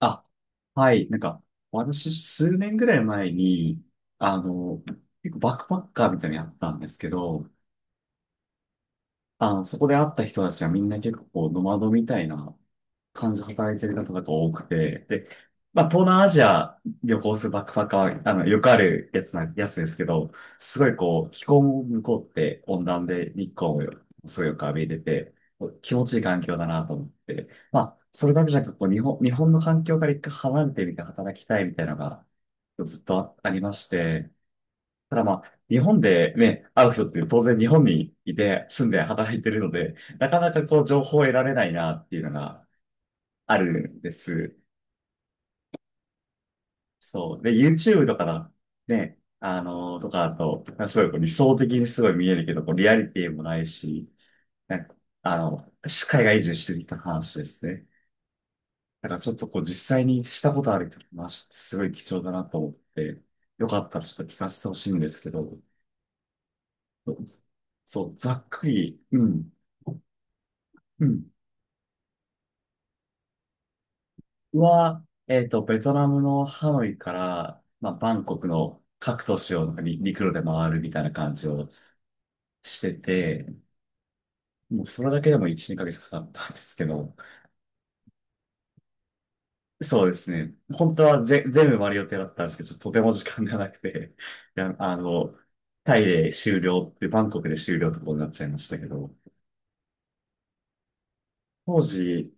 あ、はい。なんか、私、数年ぐらい前に、あの、結構バックパッカーみたいなのやったんですけど、そこで会った人たちはみんな結構こうノマドみたいな感じで働いてる方が多くて、で、まあ、東南アジア旅行するバックパッカーは、よくあるやつですけど、すごいこう、気候も向こうって温暖で日光もすごいよく浴びれて、こう気持ちいい環境だなと思って、まあ、それだけじゃなくて、こう、日本の環境から一回離れてみて働きたいみたいなのがずっとありまして、ただまあ、日本でね、会う人って当然日本にいて住んで働いてるので、なかなかこう情報を得られないなっていうのがあるんです。そう。で、YouTube とかだ、ね、あのーとかだと、すごいこう理想的にすごい見えるけど、こうリアリティもないし、なんか、あの、海外移住してきた話ですね。だからちょっとこう実際にしたことある人の話てすごい貴重だなと思って、よかったらちょっと聞かせてほしいんですけど、そう、ざっくり、うん。うん、は、えっと、ベトナムのハノイから、まあ、バンコクの各都市をなんかに陸路で回るみたいな感じをしてて、もうそれだけでも1、2ヶ月かかったんですけど、そうですね。本当は全部回る予定だったんですけど、ちょっととても時間がなくて、いや、タイで終了って、バンコクで終了ってことになっちゃいましたけど、当時、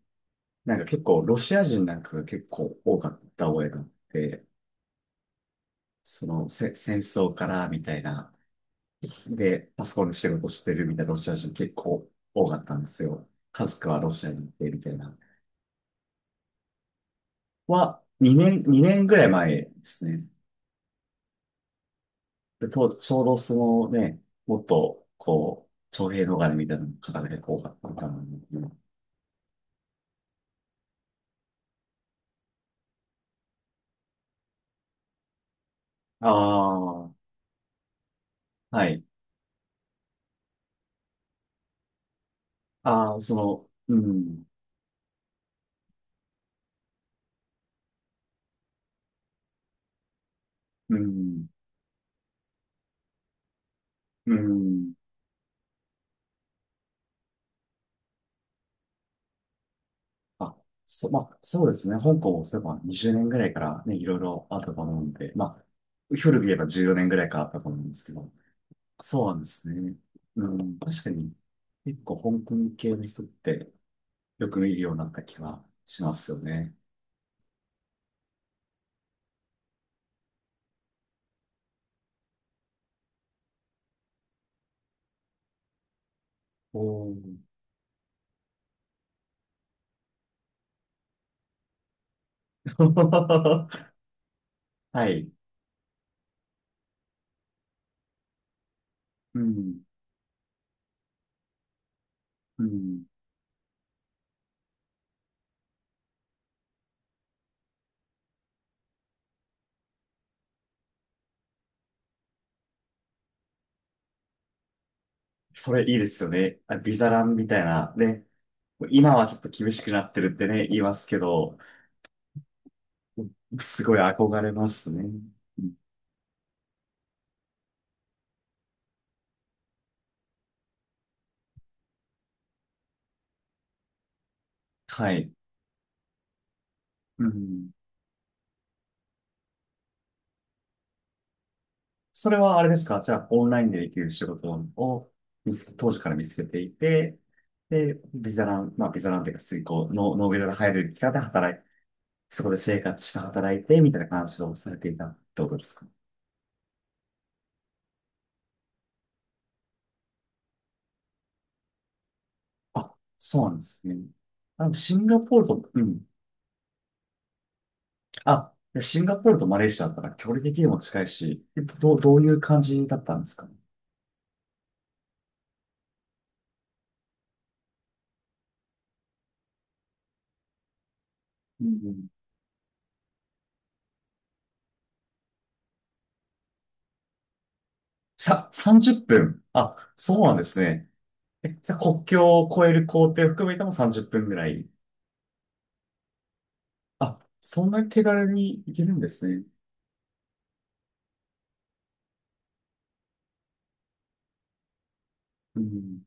なんか結構ロシア人なんかが結構多かった覚えがあって、そのせ戦争からみたいな、で、パソコンで仕事してるみたいなロシア人結構多かったんですよ。家族はロシアに行ってみたいな。2年ぐらい前ですね。で、ちょうどそのね、もっと、こう、徴兵逃れみたいな方が結構多かったのかな。ああ、はい。ああ、うん、うん、うん。あ、まあ、そうですね。香港もそういえば20年ぐらいからね、いろいろあったと思うんで、まあ、古く言えば14年ぐらいからあったと思うんですけど、そうなんですね。うん、確かに、結構香港系の人ってよく見るようになった気はしますよね。おー。はい。うん。うん。それいいですよね。あ、ビザランみたいな。ね。今はちょっと厳しくなってるってね、言いますけど、すごい憧れますね。うん、はい。うん。それはあれですか？じゃあ、オンラインでできる仕事を見つけ、当時から見つけていて、で、ビザラン、まあ、ビザランっていうか、水耕、ノー、ノービザが入る期間で働いて、そこで生活して働いて、みたいな感じをされていたってことですか？あ、そうなんですね。シンガポールと、うん。あ、でシンガポールとマレーシアだったら距離的にも近いし、どういう感じだったんですか？うんんさ、30分。あ、そうなんですね。え、じゃあ国境を越える行程を含めても30分ぐらい？あ、そんな手軽にいけるんですね。うん。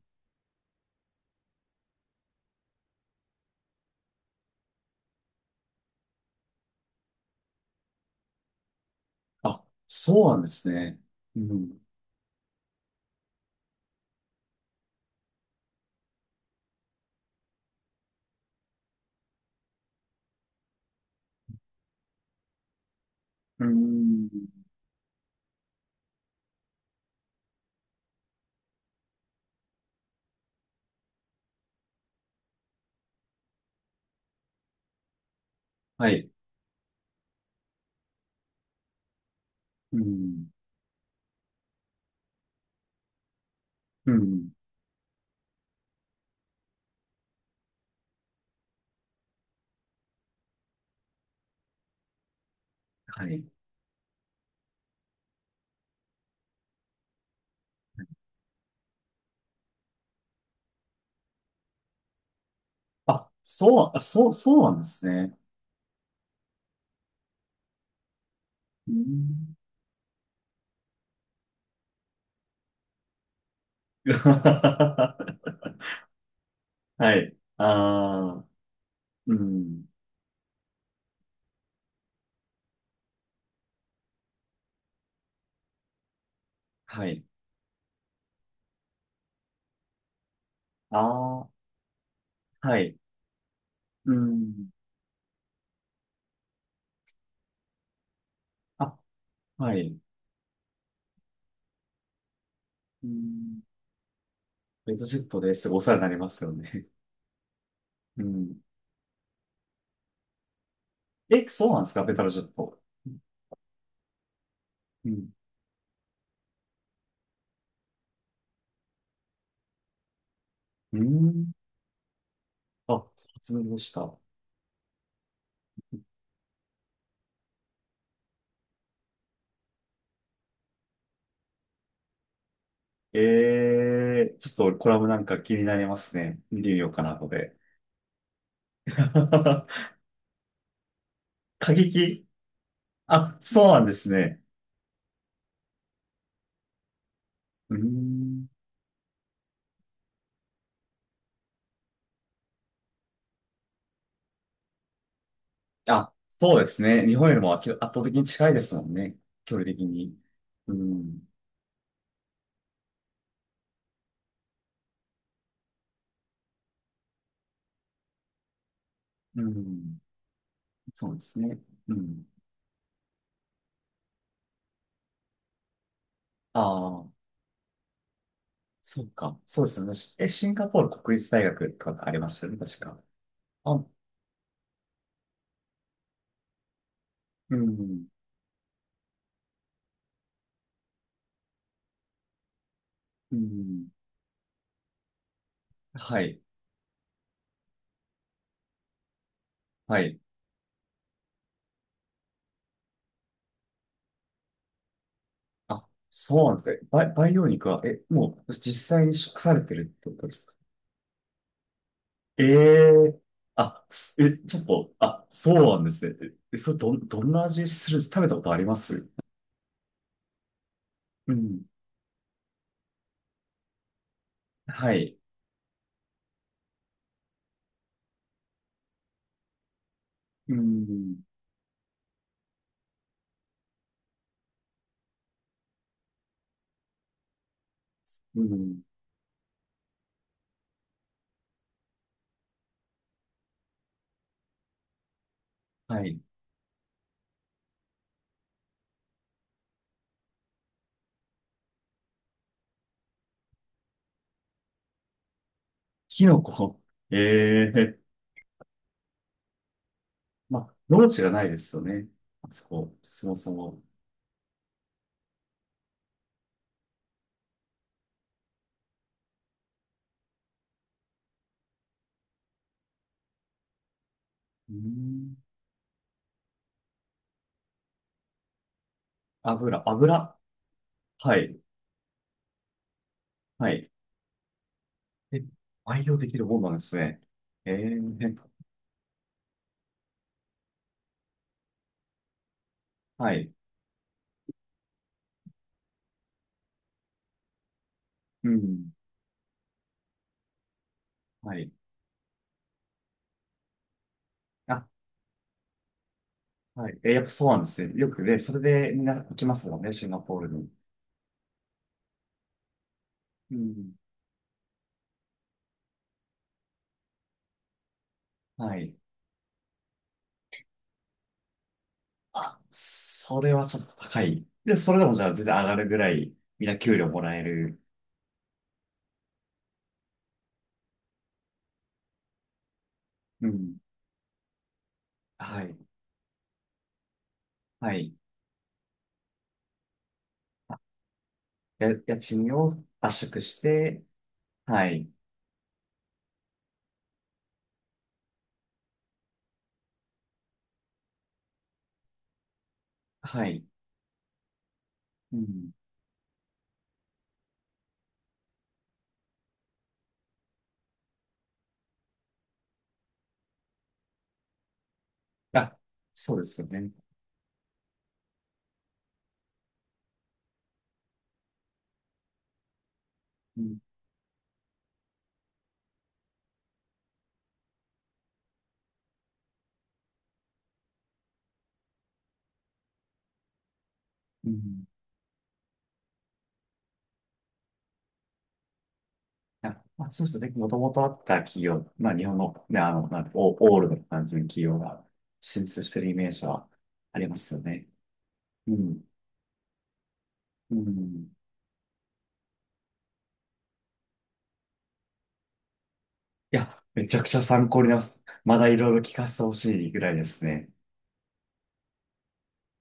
あ、そうなんですね。うん。うん。はい。うん。うん。はい。あ、そう、あ、そう、そうなんですね。うん。はい。ああ、うん。はい。ああ、はい。うん。あ、はい。うん。ベタジェットですごいお世話になりますよね。うん。え、そうなんですか？ベタジェット。うん。うん。あ、初めでした。ええ、ちょっとコラムなんか気になりますね。見てみようかな、後で。 過激。あ、そうなんですね。うーん。あ、そうですね。日本よりも圧倒的に近いですもんね。距離的に。うん。うん。そうですね。うん。ああ、そうか。そうですよね。え、シンガポール国立大学とかありましたよね、確か。あ、うん。うん。はい。はい。あ、そうなんですね。培養肉は、え、もう実際に食されてるってことですか？ええ、あ、すえ、ちょっと、あ、そうなんですね。えそれどんな味するんです？食べたことあります？うん。はい。うん。うん。はい。キノコ。ええ、まあ、農地がないですよね。あそこ、そもそも。うん。油、油。はい。はい。え、培養できるもんなんですね。ええ、はい。うん。はい。あ、はい。え、やっぱそうなんですね。よくね、それでみんな行きますもんね、シンガポールに。うん。はい。あ、それはちょっと高い。で、それでもじゃあ全然上がるぐらい、みんな給料もらえる。うん。はい。はい。や、家賃を圧縮して、はい。はい。うん。あ、そうですよね。うん。うん、あ、まあ、そうですね。もともとあった企業、まあ、日本の、ね、なんてオールドな感じの企業が進出してるイメージはありますよね。うん。うん。いや、めちゃくちゃ参考になります。まだいろいろ聞かせてほしいぐらいですね。